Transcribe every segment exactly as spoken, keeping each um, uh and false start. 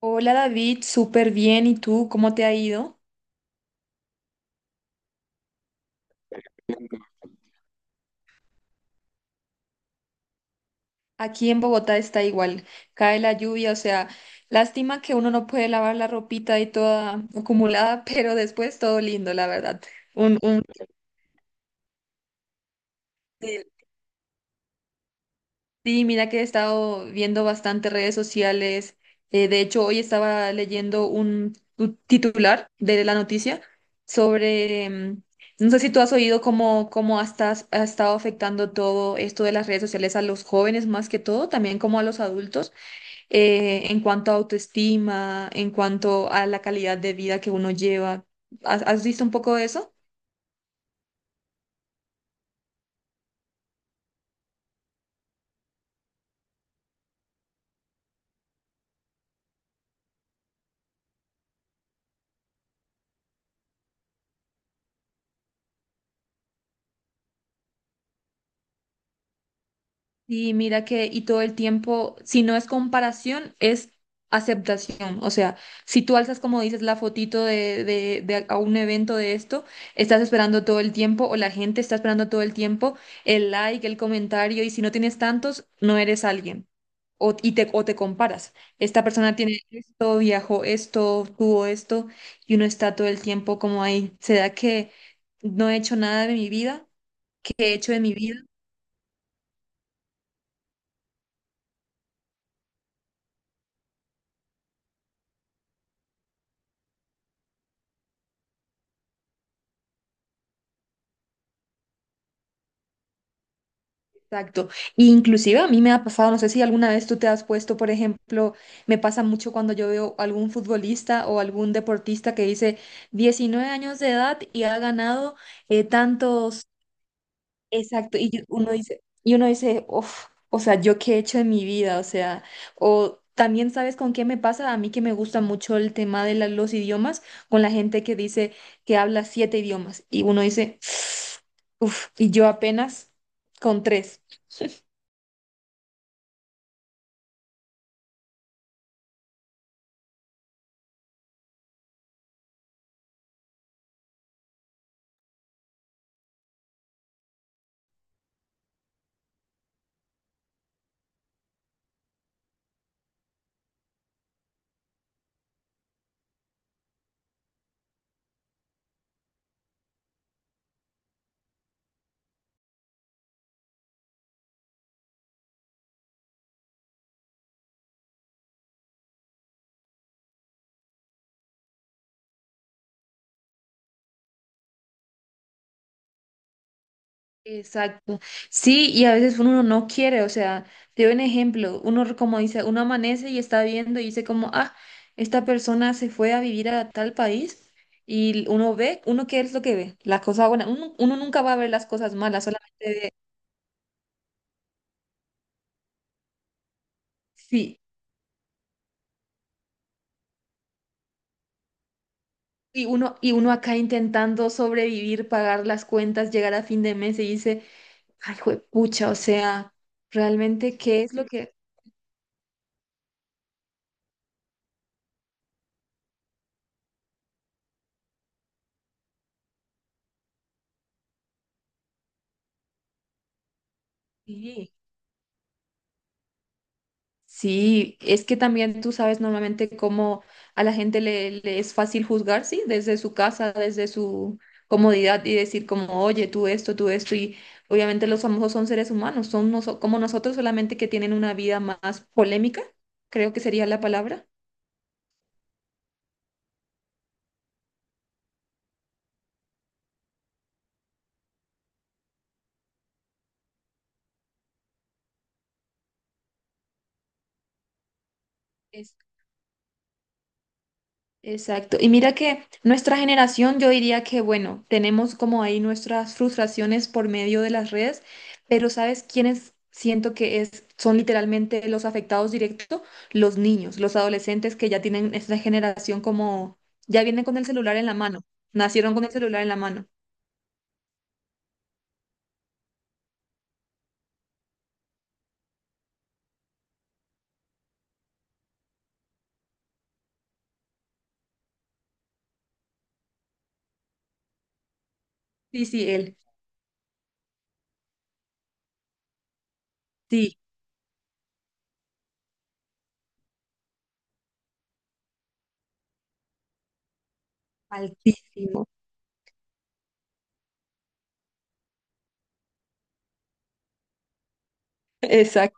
Hola David, súper bien. ¿Y tú cómo te ha ido? Aquí en Bogotá está igual, cae la lluvia, o sea, lástima que uno no puede lavar la ropita y toda acumulada, pero después todo lindo, la verdad. Un, un... sí. Sí, mira que he estado viendo bastante redes sociales. Eh, de hecho, hoy estaba leyendo un tu- titular de la noticia sobre, mm, no sé si tú has oído cómo, cómo ha estás, ha estado afectando todo esto de las redes sociales a los jóvenes más que todo, también como a los adultos, eh, en cuanto a autoestima, en cuanto a la calidad de vida que uno lleva. has has visto un poco de eso? Y mira que, y todo el tiempo, si no es comparación, es aceptación. O sea, si tú alzas, como dices, la fotito de, de, de a un evento de esto, estás esperando todo el tiempo, o la gente está esperando todo el tiempo el like, el comentario, y si no tienes tantos, no eres alguien. O, y te, o te comparas. Esta persona tiene esto, viajó esto, tuvo esto, y uno está todo el tiempo como ahí. ¿Será que no he hecho nada de mi vida? ¿Qué he hecho de mi vida? Exacto. Inclusive a mí me ha pasado, no sé si alguna vez tú te has puesto, por ejemplo, me pasa mucho cuando yo veo algún futbolista o algún deportista que dice diecinueve años de edad y ha ganado eh, tantos. Exacto. Y yo- uno dice, y uno dice, "Uf, o sea, ¿yo qué he hecho en mi vida? O sea, o también sabes con qué me pasa, a mí que me gusta mucho el tema de la- los idiomas, con la gente que dice que habla siete idiomas y uno dice, uff, y yo apenas con tres. Exacto. Sí, y a veces uno no quiere, o sea, te doy un ejemplo, uno como dice, uno amanece y está viendo y dice como, ah, esta persona se fue a vivir a tal país y uno ve, uno qué es lo que ve, las cosas buenas, uno, uno nunca va a ver las cosas malas, solamente. Sí. Y uno, y uno acá intentando sobrevivir, pagar las cuentas, llegar a fin de mes y dice, ay, pucha, o sea, realmente, ¿qué es lo que...? Sí. Sí, es que también tú sabes normalmente cómo a la gente le, le es fácil juzgar, sí, desde su casa, desde su comodidad y decir como, oye, tú esto, tú esto, y obviamente los famosos son seres humanos, son noso- como nosotros solamente que tienen una vida más polémica, creo que sería la palabra. Exacto. Y mira que nuestra generación, yo diría que, bueno, tenemos como ahí nuestras frustraciones por medio de las redes, pero ¿sabes quiénes siento que es, son literalmente los afectados directos? Los niños, los adolescentes que ya tienen esta generación como, ya vienen con el celular en la mano, nacieron con el celular en la mano. Sí, sí, él, sí, altísimo. Exacto.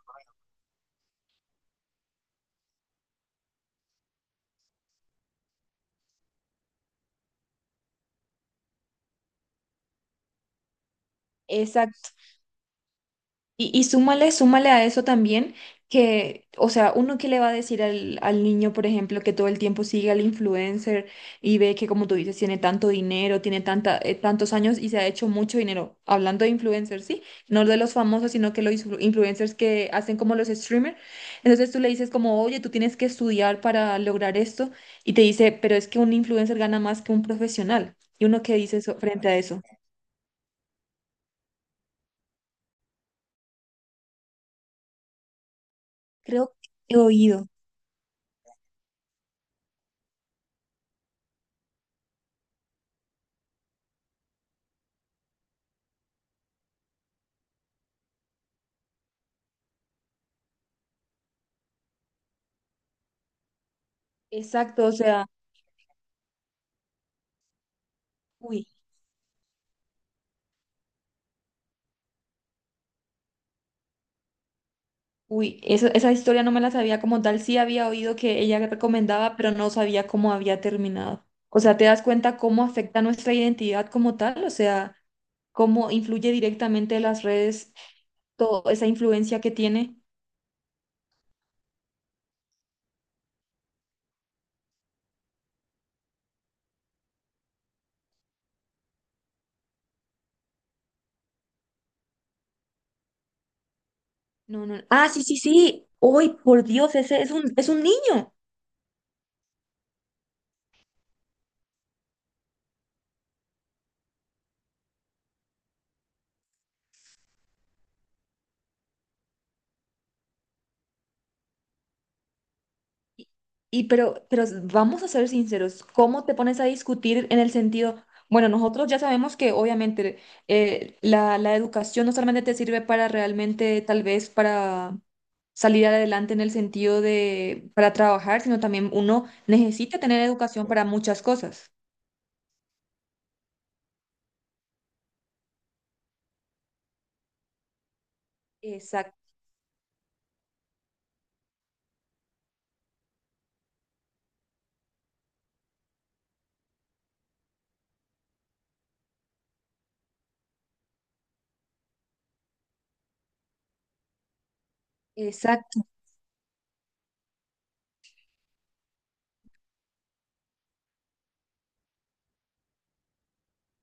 Y, y súmale, súmale a eso también que, o sea, uno que le va a decir al, al niño, por ejemplo, que todo el tiempo sigue al influencer y ve que, como tú dices, tiene tanto dinero, tiene tanta, eh, tantos años y se ha hecho mucho dinero. Hablando de influencers, ¿sí? No de los famosos, sino que los influ- influencers que hacen como los streamers. Entonces tú le dices como, oye, tú tienes que estudiar para lograr esto y te dice, pero es que un influencer gana más que un profesional. Y uno que dice eso frente a eso. Creo que he oído. Exacto, o sea, uy. Uy, eso- esa historia no me la sabía como tal. Sí había oído que ella recomendaba, pero no sabía cómo había terminado. O sea, ¿te das cuenta cómo afecta nuestra identidad como tal? O sea, cómo influye directamente las redes, toda esa influencia que tiene. No, no. Ah, sí, sí, sí. Uy, por Dios, ese es un, es un niño. Y, y pero, pero vamos a ser sinceros, ¿cómo te pones a discutir en el sentido, bueno, nosotros ya sabemos que obviamente eh, la, la educación no solamente te sirve para realmente, tal vez para salir adelante en el sentido de, para trabajar, sino también uno necesita tener educación para muchas cosas. Exacto, exacto.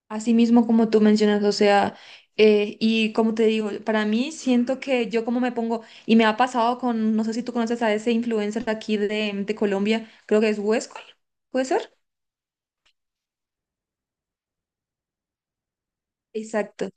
Así mismo como tú mencionas, o sea, eh, y como te digo, para mí siento que yo como me pongo, y me ha pasado con, no sé si tú conoces a ese influencer de aquí de, de Colombia, creo que es Huescol, ¿puede ser? Exacto.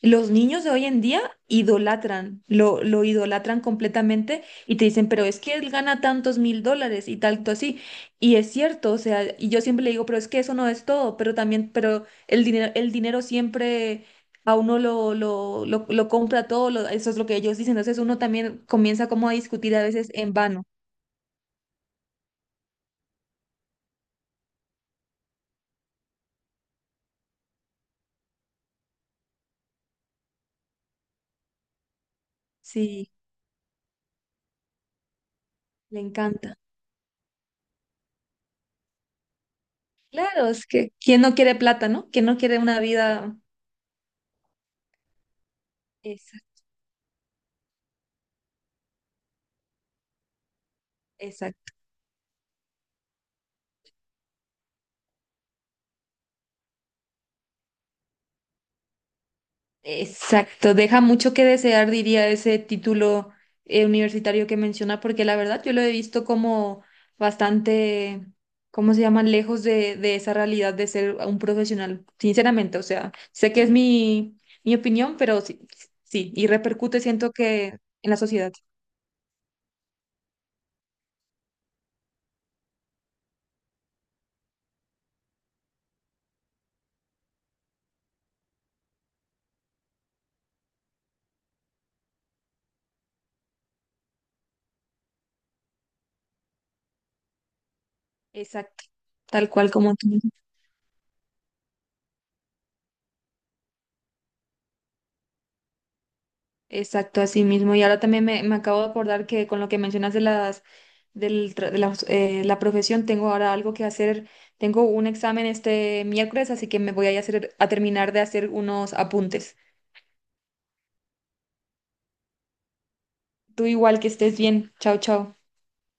Los niños de hoy en día idolatran, lo, lo idolatran completamente y te dicen, pero es que él gana tantos mil dólares y tanto así. Y es cierto, o sea, y yo siempre le digo, pero es que eso no es todo, pero también, pero el dinero, el dinero siempre a uno lo, lo, lo, lo compra todo, lo- eso es lo que ellos dicen. Entonces uno también comienza como a discutir a veces en vano. Sí, le encanta. Claro, es que ¿quién no quiere plata, no? ¿Quién no quiere una vida? Exacto, exacto, deja mucho que desear, diría ese título eh, universitario que menciona, porque la verdad yo lo he visto como bastante, ¿cómo se llama?, lejos de, de, esa realidad de ser un profesional, sinceramente, o sea, sé que es mi, mi opinión, pero sí, sí, y repercute, siento que en la sociedad. Exacto, tal cual como tú. Exacto, así mismo. Y ahora también me, me acabo de acordar que con lo que mencionas de las del tra- de las, eh, la profesión, tengo ahora algo que hacer. Tengo un examen este miércoles, así que me voy a ir a hacer a terminar de hacer unos apuntes. Tú igual que estés bien. Chao, chao.